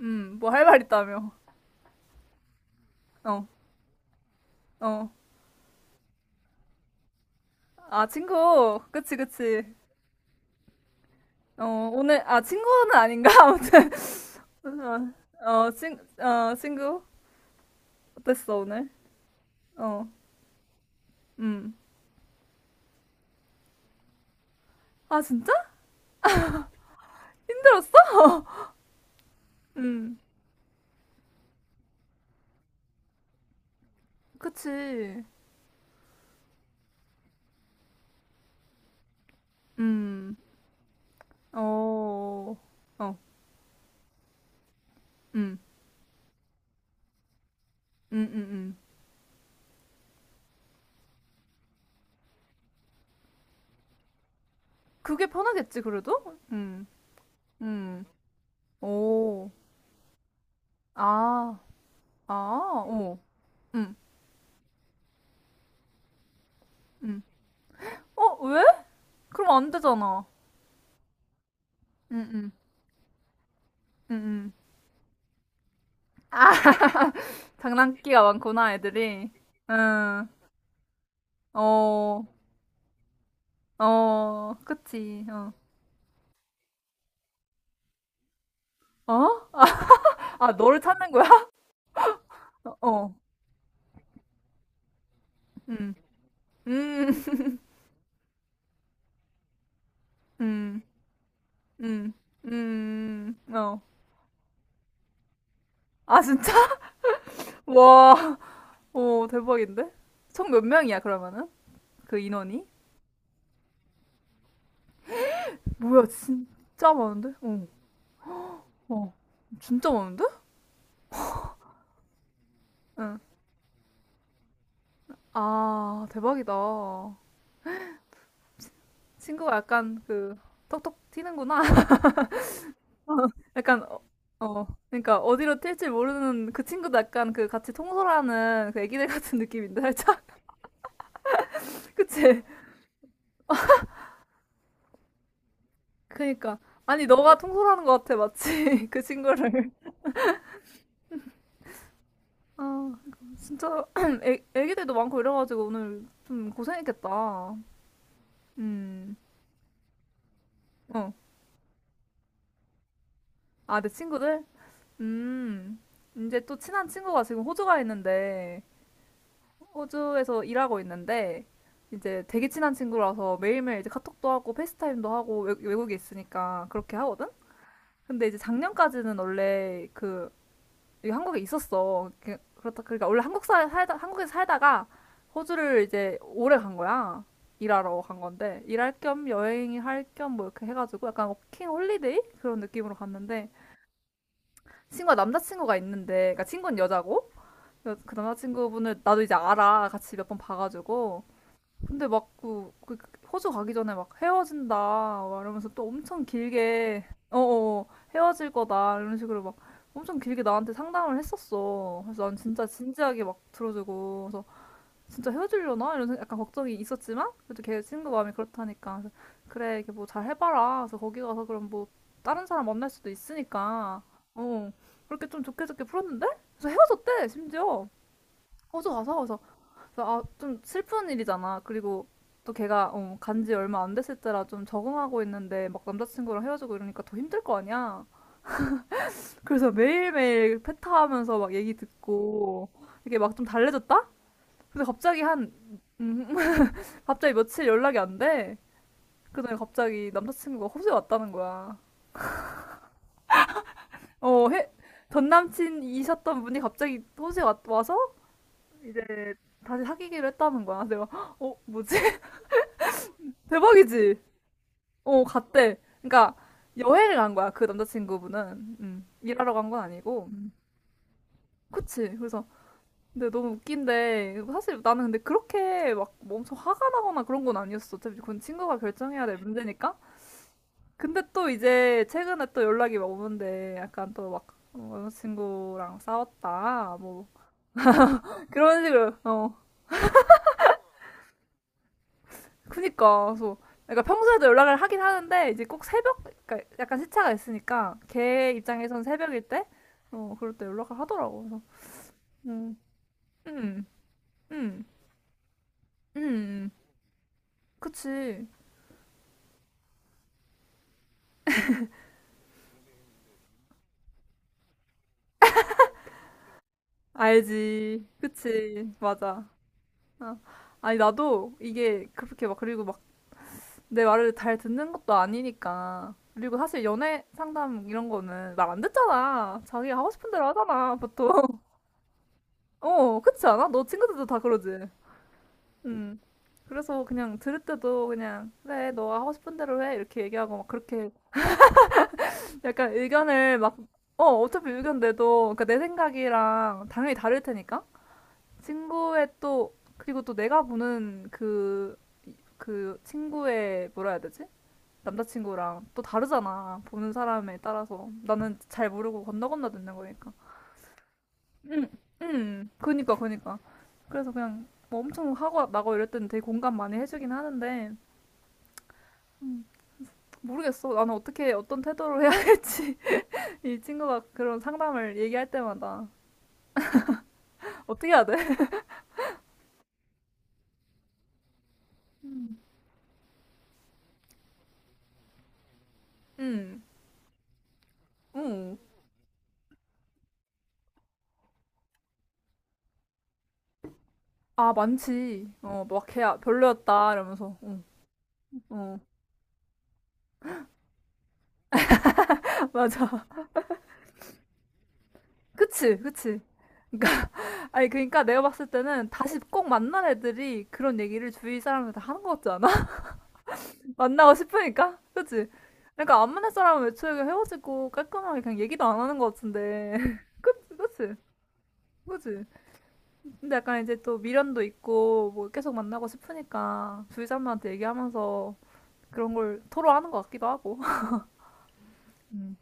뭐 할 말 있다며. 어, 어. 아, 친구. 그치, 그치. 어, 오늘, 아, 친구는 아닌가? 아무튼. 어, 어, 어, 친구. 어땠어, 오늘? 어, 음. 아, 진짜? 힘들었어? 음, 그치. 음, 어, 어, 음, 음, 음, 음. 그게 편하겠지, 그래도? 음, 오, 아, 아, 어, 음, 음. 어, 왜? 그럼 안 되잖아. 음음. 음, 음. 장난기가 많구나, 애들이. 응, 어, 어, 그치, 어. 어? 아, 아, 너를 찾는 거야? 어, 음, 음, 음, 음, 어. 아, 진짜? 와, 오, 대박인데? 총 몇 명이야, 그러면은? 그 인원이? 뭐야, 진짜 많은데? 어, 어, 진짜 많은데? 응. 아, 대박이다. 친구가 약간 그, 톡톡 튀는구나. 어, 약간 어, 어, 그러니까 어디로 튈지 모르는 그 친구도 약간 그 같이 통솔하는 그 애기들 같은 느낌인데 살짝. 그치? 그니까 아니 너가 통솔하는 것 같아 마치 그 친구를. 아 진짜 애기들도 많고 이래가지고 오늘 좀 고생했겠다. 음어아. 내 친구들. 음, 이제 또 친한 친구가 지금 호주가 있는데 호주에서 일하고 있는데 이제 되게 친한 친구라서 매일매일 이제 카톡도 하고 페이스타임도 하고 외국에 있으니까 그렇게 하거든? 근데 이제 작년까지는 원래 그 여기 한국에 있었어. 그렇다 그러니까 원래 살다 한국에서 살다가 호주를 이제 오래 간 거야. 일하러 간 건데 일할 겸 여행할 겸 뭐 이렇게 해가지고 약간 워킹 홀리데이 그런 느낌으로 갔는데 친구가 남자친구가 있는데 그러니까 친구는 여자고 그 남자친구분을 나도 이제 알아 같이 몇 번 봐가지고. 근데 막그 그, 그 호주 가기 전에 막 헤어진다 막 이러면서 또 엄청 길게 어어 헤어질 거다 이런 식으로 막 엄청 길게 나한테 상담을 했었어. 그래서 난 진짜 진지하게 막 들어주고 그래서 진짜 헤어지려나 이런 약간 걱정이 있었지만 그래도 걔 친구 마음이 그렇다니까 그래서 그래 이게 뭐 잘 해봐라. 그래서 거기 가서 그럼 뭐 다른 사람 만날 수도 있으니까. 어, 그렇게 좀 좋게 좋게 풀었는데 그래서 헤어졌대 심지어 호주 가서. 그래서 그래서 아, 좀 슬픈 일이잖아. 그리고 또 걔가 어, 간지 얼마 안 됐을 때라 좀 적응하고 있는데 막 남자친구랑 헤어지고 이러니까 더 힘들 거 아니야. 그래서 매일매일 패타하면서 막 얘기 듣고 이게 막 좀 달래졌다? 근데 갑자기 한, 음, 갑자기 며칠 연락이 안 돼. 그다음에 갑자기 남자친구가 호주에 왔다는 거야. 어, 전 남친이셨던 분이 갑자기 호주에 와서 이제 다시 사귀기로 했다는 거야. 내가 어, 뭐지? 대박이지? 어, 갔대. 그러니까 여행을 간 거야, 그 남자친구분은. 일하러 간 건 아니고. 그치. 그래서 근데 너무 웃긴데 사실 나는 근데 그렇게 막뭐 엄청 화가 나거나 그런 건 아니었어. 어차피 그건 친구가 결정해야 될 문제니까. 근데 또 이제 최근에 또 연락이 막 오는데 약간 또 막 어, 남자친구랑 싸웠다. 뭐 그런 식으로. 어. 그니까 그래서 그러니까 평소에도 연락을 하긴 하는데 이제 꼭 새벽 그러니까 약간 시차가 있으니까 걔 입장에선 새벽일 때 어, 그럴 때 연락을 하더라고. 그래서 음. 음. 음. 음. 음. 그치. 알지. 그치. 맞아. 아. 아니 나도 이게 그렇게 막 그리고 막 내 말을 잘 듣는 것도 아니니까. 그리고 사실 연애 상담 이런 거는 말 안 듣잖아. 자기가 하고 싶은 대로 하잖아, 보통. 어, 그치 않아? 너 친구들도 다 그러지. 음. 그래서 그냥 들을 때도 그냥 그래 너가 하고 싶은 대로 해 이렇게 얘기하고 막 그렇게 약간 의견을 막. 어 어차피 의견 내도 그러니까 내 생각이랑 당연히 다를 테니까 친구의 또 그리고 또 내가 보는 그 그 친구의 뭐라 해야 되지? 남자친구랑 또 다르잖아 보는 사람에 따라서 나는 잘 모르고 건너 건너 듣는 거니까. 그니까 그니까 그래서 그냥 뭐 엄청 하고 나고 이럴 때는 되게 공감 많이 해주긴 하는데 모르겠어. 나는 어떻게 어떤 태도로 해야 할지 이 친구가 그런 상담을 얘기할 때마다 어떻게 해야 돼? 음. 응, 응. 아 많지. 어, 뭐 막 걔야 별로였다 이러면서. 응, 어, 맞아. 그치, 그치. 그러니까 아니 그러니까 내가 봤을 때는 다시 꼭 만난 애들이 그런 얘기를 주위 사람한테 하는 것 같지 않아? 만나고 싶으니까, 그치? 그러니까 안 만날 사람은 애초에 그냥 헤어지고 깔끔하게 그냥 얘기도 안 하는 것 같은데. 그치, 그치, 그치. 근데 약간 이제 또 미련도 있고 뭐 계속 만나고 싶으니까 주위 사람들한테 얘기하면서 그런 걸 토로하는 것 같기도 하고. 음.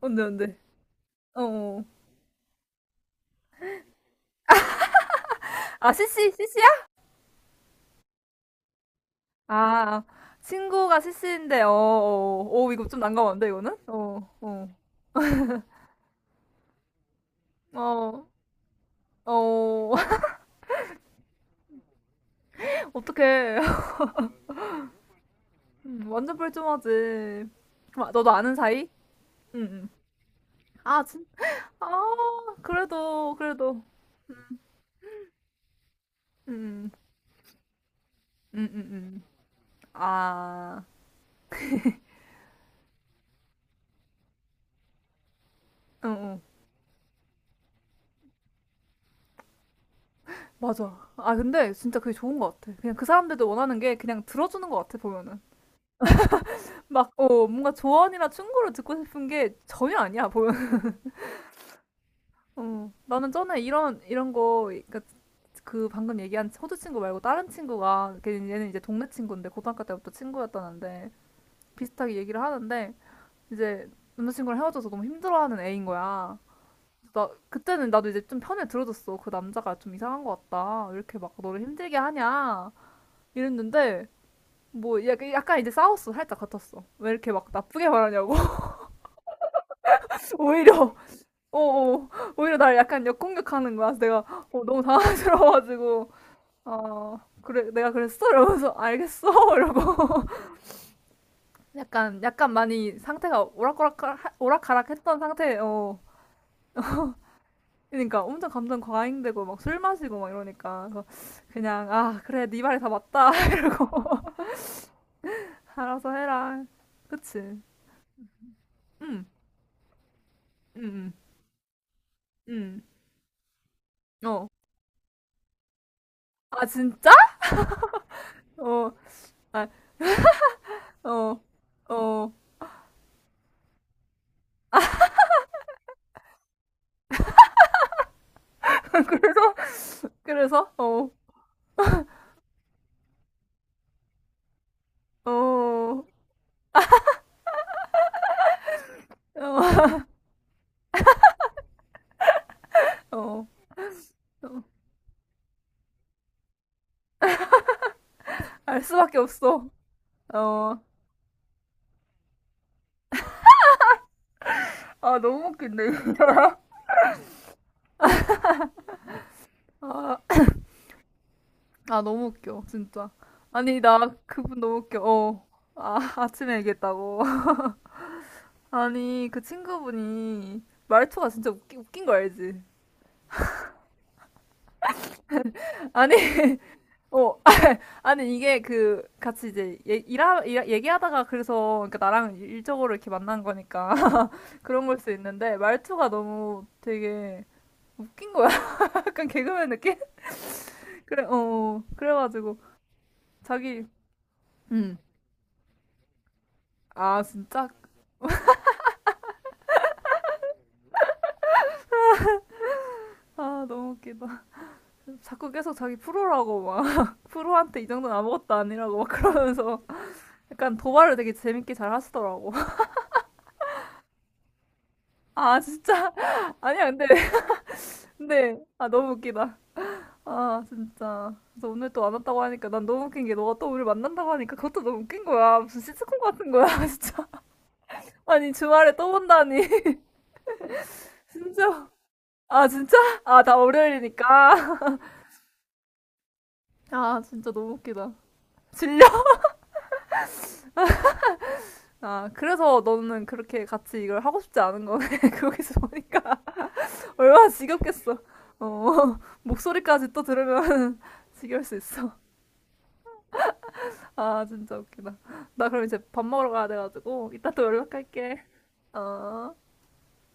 언제 언데. 어. 어. 아 CC CC야? 아 친구가 CC인데. 어. 어. 어. 오 이거 좀 난감한데 이거는? 어. 어. 어. 어. 어떡해. 완전 뻘쭘하지. 아, 너도 아는 사이? 응. 응. 아 진. 아 그래도 그래도. 음. 음. 음. 음. 아. 응. 응. 맞아. 아, 근데 진짜 그게 좋은 것 같아. 그냥 그 사람들도 원하는 게 그냥 들어주는 것 같아, 보면은. 막, 어, 뭔가 조언이나 충고를 듣고 싶은 게 전혀 아니야, 보면은. 어, 나는 전에 이런 거, 그니까 그 방금 얘기한 호주 친구 말고 다른 친구가, 얘는 이제 동네 친구인데, 고등학교 때부터 친구였다는데, 비슷하게 얘기를 하는데, 이제 남자친구랑 헤어져서 너무 힘들어하는 애인 거야. 나, 그때는 나도 이제 좀 편을 들어줬어. 그 남자가 좀 이상한 것 같다. 왜 이렇게 막 너를 힘들게 하냐. 이랬는데, 뭐 약간, 약간 이제 싸웠어 살짝 같았어 왜 이렇게 막 나쁘게 말하냐고. 오히려 어어 오히려 날 약간 역공격하는 거야 그래서 내가 어, 너무 당황스러워가지고 아 그래 내가 그랬어 이러면서 알겠어 이러고 약간 약간 많이 상태가 오락가락했던 상태 어 그러니까 엄청 감정 과잉되고 막 술 마시고 막 이러니까 그래서 그냥 아 그래 네 말이 다 맞다 이러고 알아서 해라. 그치. 응응응응어아. 진짜. 어, 아, 어, 어. 그래서, 그래서, 어, 어, 어, 어, 어. 알 수밖에 없어. 어, 아, 너무 웃긴데. 아, 아, 너무 웃겨, 진짜. 아니, 나 그분 너무 웃겨. 어, 아, 아침에 얘기했다고. 아니, 그 친구분이 말투가 진짜 웃긴 거 알지? 아니, 어, 아니, 이게 그, 같이 이제, 얘기하다가 그래서, 그러니까 나랑 일적으로 이렇게 만난 거니까. 그런 걸 수 있는데 말투가 너무 되게 웃긴 거야. 약간 개그맨 느낌? 그래, 어, 어. 그래가지고 자기, 음, 아 진짜, 아 너무 웃기다. 자꾸 계속 자기 프로라고 막 프로한테 이 정도는 아무것도 아니라고 막 그러면서 약간 도발을 되게 재밌게 잘 하시더라고. 아 진짜, 아니야 근데 근데 아 너무 웃기다. 아 진짜. 그래서 오늘 또 안 왔다고 하니까 난 너무 웃긴 게 너가 또 우리 만난다고 하니까 그것도 너무 웃긴 거야. 무슨 시트콤 같은 거야 진짜. 아니 주말에 또 본다니. 진짜? 아, 진짜? 아, 다 월요일이니까. 아, 진짜 너무 웃기다. 질려? 아, 그래서 너는 그렇게 같이 이걸 하고 싶지 않은 거네. 거기서 보니까. 얼마나 지겹겠어. 어, 목소리까지 또 들으면 지겨울 수 있어. 아, 진짜 웃기다. 나 그럼 이제 밥 먹으러 가야 돼가지고, 이따 또 연락할게. 어.